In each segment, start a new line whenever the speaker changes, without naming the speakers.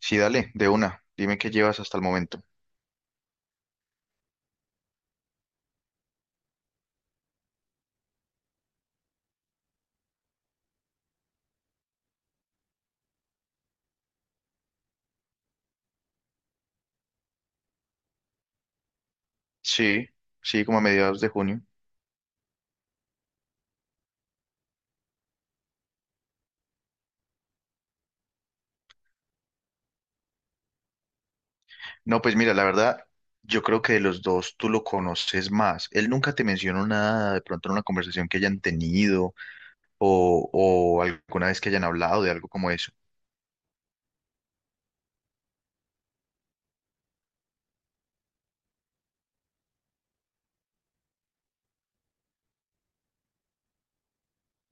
Sí, dale, de una. Dime qué llevas hasta el momento. Sí, sí, como a mediados de junio. No, pues mira, la verdad, yo creo que de los dos tú lo conoces más. Él nunca te mencionó nada, de pronto en una conversación que hayan tenido o alguna vez que hayan hablado de algo como eso.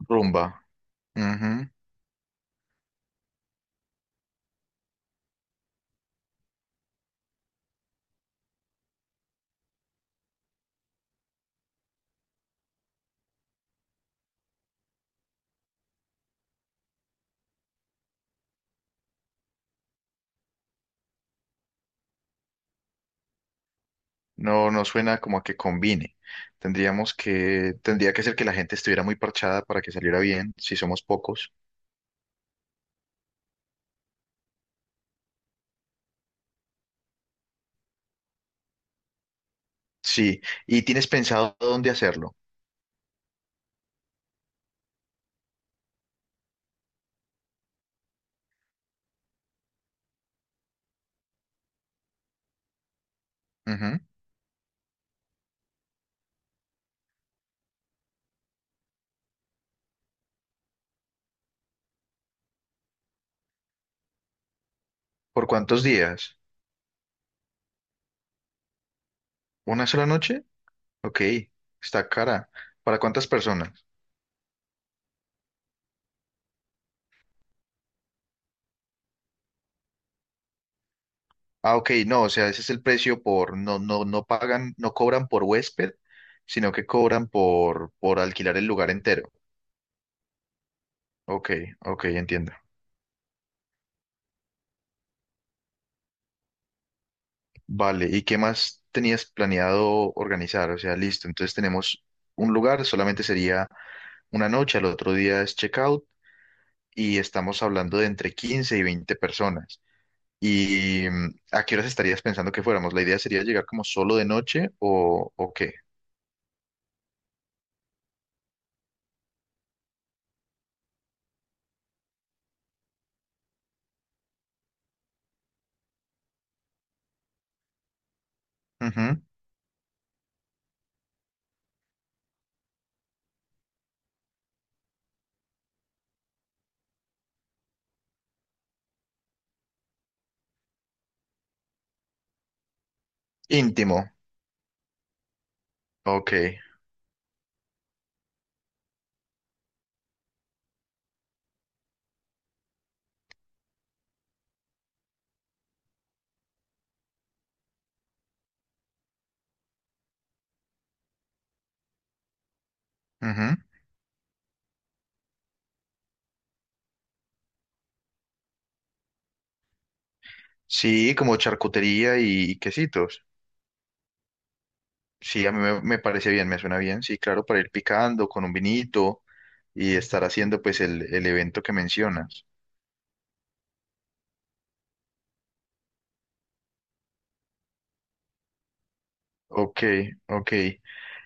Rumba. Ujú. No, no suena como a que combine. Tendría que ser que la gente estuviera muy parchada para que saliera bien, si somos pocos. Sí, ¿y tienes pensado dónde hacerlo? Ujú. ¿Por cuántos días? ¿Una sola noche? Ok, está cara. ¿Para cuántas personas? Ah, ok, no, o sea, ese es el precio por, no, no, no pagan, no cobran por huésped, sino que cobran por alquilar el lugar entero. Ok, ok, entiendo. Vale, ¿y qué más tenías planeado organizar? O sea, listo, entonces tenemos un lugar, solamente sería una noche, al otro día es checkout y estamos hablando de entre 15 y 20 personas. ¿Y a qué horas estarías pensando que fuéramos? ¿La idea sería llegar como solo de noche o qué? Ujú. Íntimo. Ok. Ujú. Sí, como charcutería y quesitos. Sí, a me parece bien, me suena bien. Sí, claro, para ir picando con un vinito y estar haciendo pues el evento que mencionas. Ok, ok.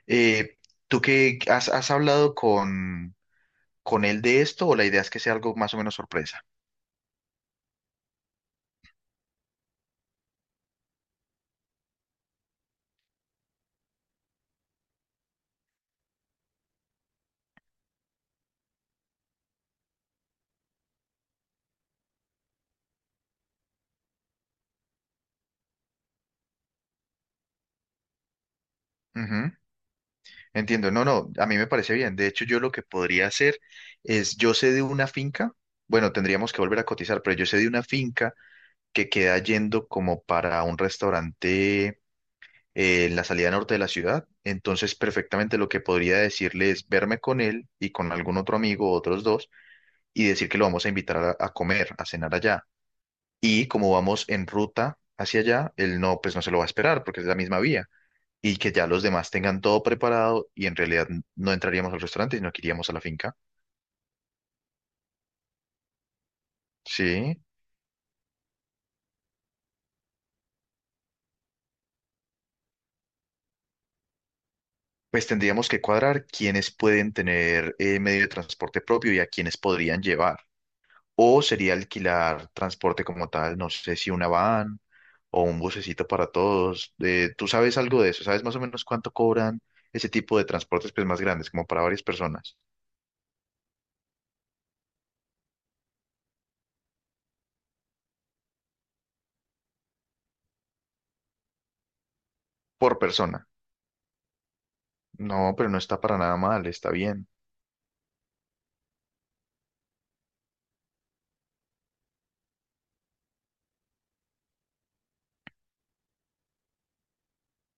Eh, ¿Tú qué has hablado con él de esto o la idea es que sea algo más o menos sorpresa? Ujú. Entiendo, no, no, a mí me parece bien. De hecho, yo lo que podría hacer es, yo sé de una finca, bueno, tendríamos que volver a cotizar, pero yo sé de una finca que queda yendo como para un restaurante en la salida norte de la ciudad. Entonces, perfectamente lo que podría decirle es verme con él y con algún otro amigo, otros dos, y decir que lo vamos a invitar a comer, a cenar allá. Y como vamos en ruta hacia allá, él no, pues no se lo va a esperar porque es la misma vía. Y que ya los demás tengan todo preparado y en realidad no entraríamos al restaurante, sino que iríamos a la finca. Sí. Pues tendríamos que cuadrar quiénes pueden tener medio de transporte propio y a quiénes podrían llevar. O sería alquilar transporte como tal, no sé si una van o un bucecito para todos. ¿Tú sabes algo de eso? ¿Sabes más o menos cuánto cobran ese tipo de transportes pues, más grandes, como para varias personas? Por persona. No, pero no está para nada mal, está bien.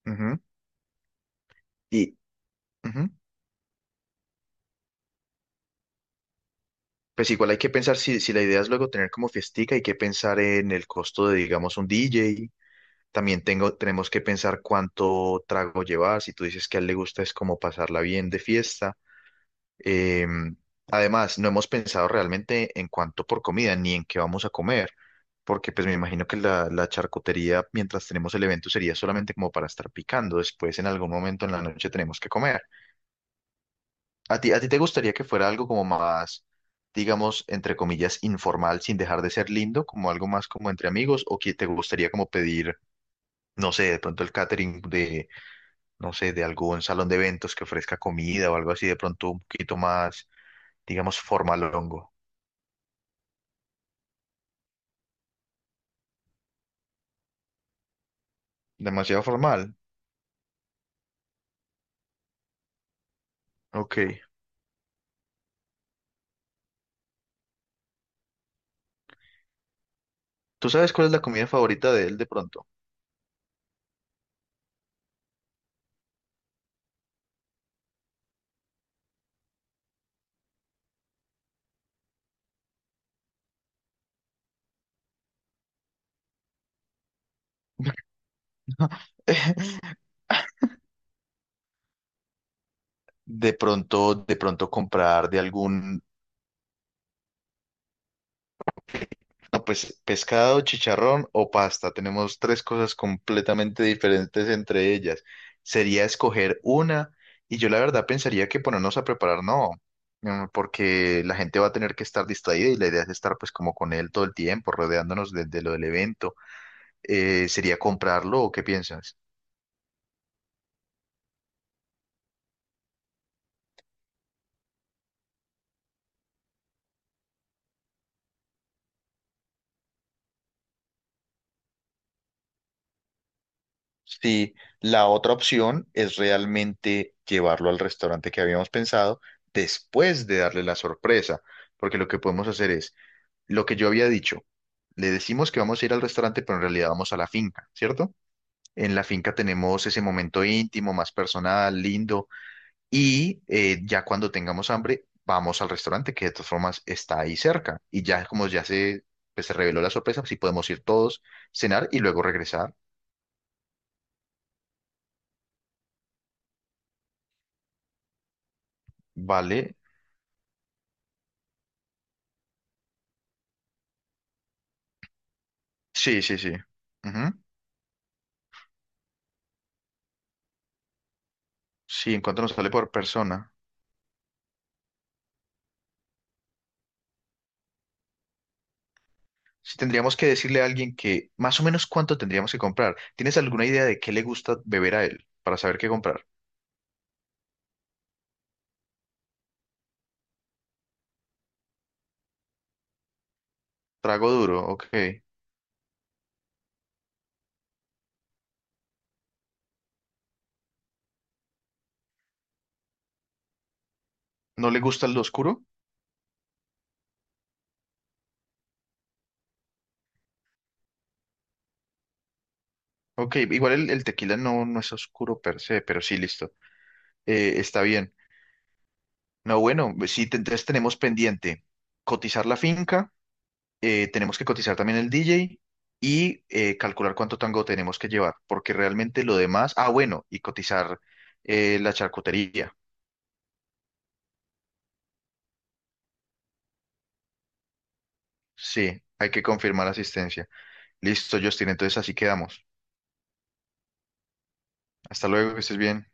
Ujú. Y ujú. Pues igual hay que pensar si, si la idea es luego tener como fiestica, hay que pensar en el costo de, digamos, un DJ. También tenemos que pensar cuánto trago llevar. Si tú dices que a él le gusta es como pasarla bien de fiesta. Eh, Además, no hemos pensado realmente en cuánto por comida ni en qué vamos a comer, porque pues me imagino que la charcutería mientras tenemos el evento sería solamente como para estar picando, después en algún momento en la noche tenemos que comer. A ti te gustaría que fuera algo como más, digamos, entre comillas, informal, sin dejar de ser lindo, como algo más como entre amigos, o que te gustaría como pedir, no sé, de pronto el catering de, no sé, de algún salón de eventos que ofrezca comida o algo así, de pronto un poquito más, digamos, formalongo? Demasiado formal. Ok. ¿Tú sabes cuál es la comida favorita de él de pronto? De pronto comprar de algún, no, pues pescado, chicharrón o pasta. Tenemos tres cosas completamente diferentes entre ellas. Sería escoger una y yo la verdad pensaría que ponernos a preparar, no, porque la gente va a tener que estar distraída y la idea es estar pues como con él todo el tiempo, rodeándonos de lo del evento. ¿Sería comprarlo o qué piensas? Sí, la otra opción es realmente llevarlo al restaurante que habíamos pensado después de darle la sorpresa, porque lo que podemos hacer es lo que yo había dicho. Le decimos que vamos a ir al restaurante, pero en realidad vamos a la finca, ¿cierto? En la finca tenemos ese momento íntimo, más personal, lindo, y ya cuando tengamos hambre, vamos al restaurante, que de todas formas está ahí cerca. Y ya como ya se, pues, se reveló la sorpresa, sí podemos ir todos, cenar y luego regresar. Vale. Sí, sí, sí. Ujú. Sí, en cuánto nos sale por persona. Si tendríamos que decirle a alguien que más o menos cuánto tendríamos que comprar. ¿Tienes alguna idea de qué le gusta beber a él para saber qué comprar? Trago duro, ok. ¿No le gusta el oscuro? Ok, igual el tequila no, no es oscuro per se, pero sí, listo. Está bien. No, bueno, sí, entonces tenemos pendiente cotizar la finca. Tenemos que cotizar también el DJ y calcular cuánto tango tenemos que llevar, porque realmente lo demás, ah, bueno, y cotizar la charcutería. Sí, hay que confirmar asistencia. Listo, Justin, entonces así quedamos. Hasta luego, que estés bien.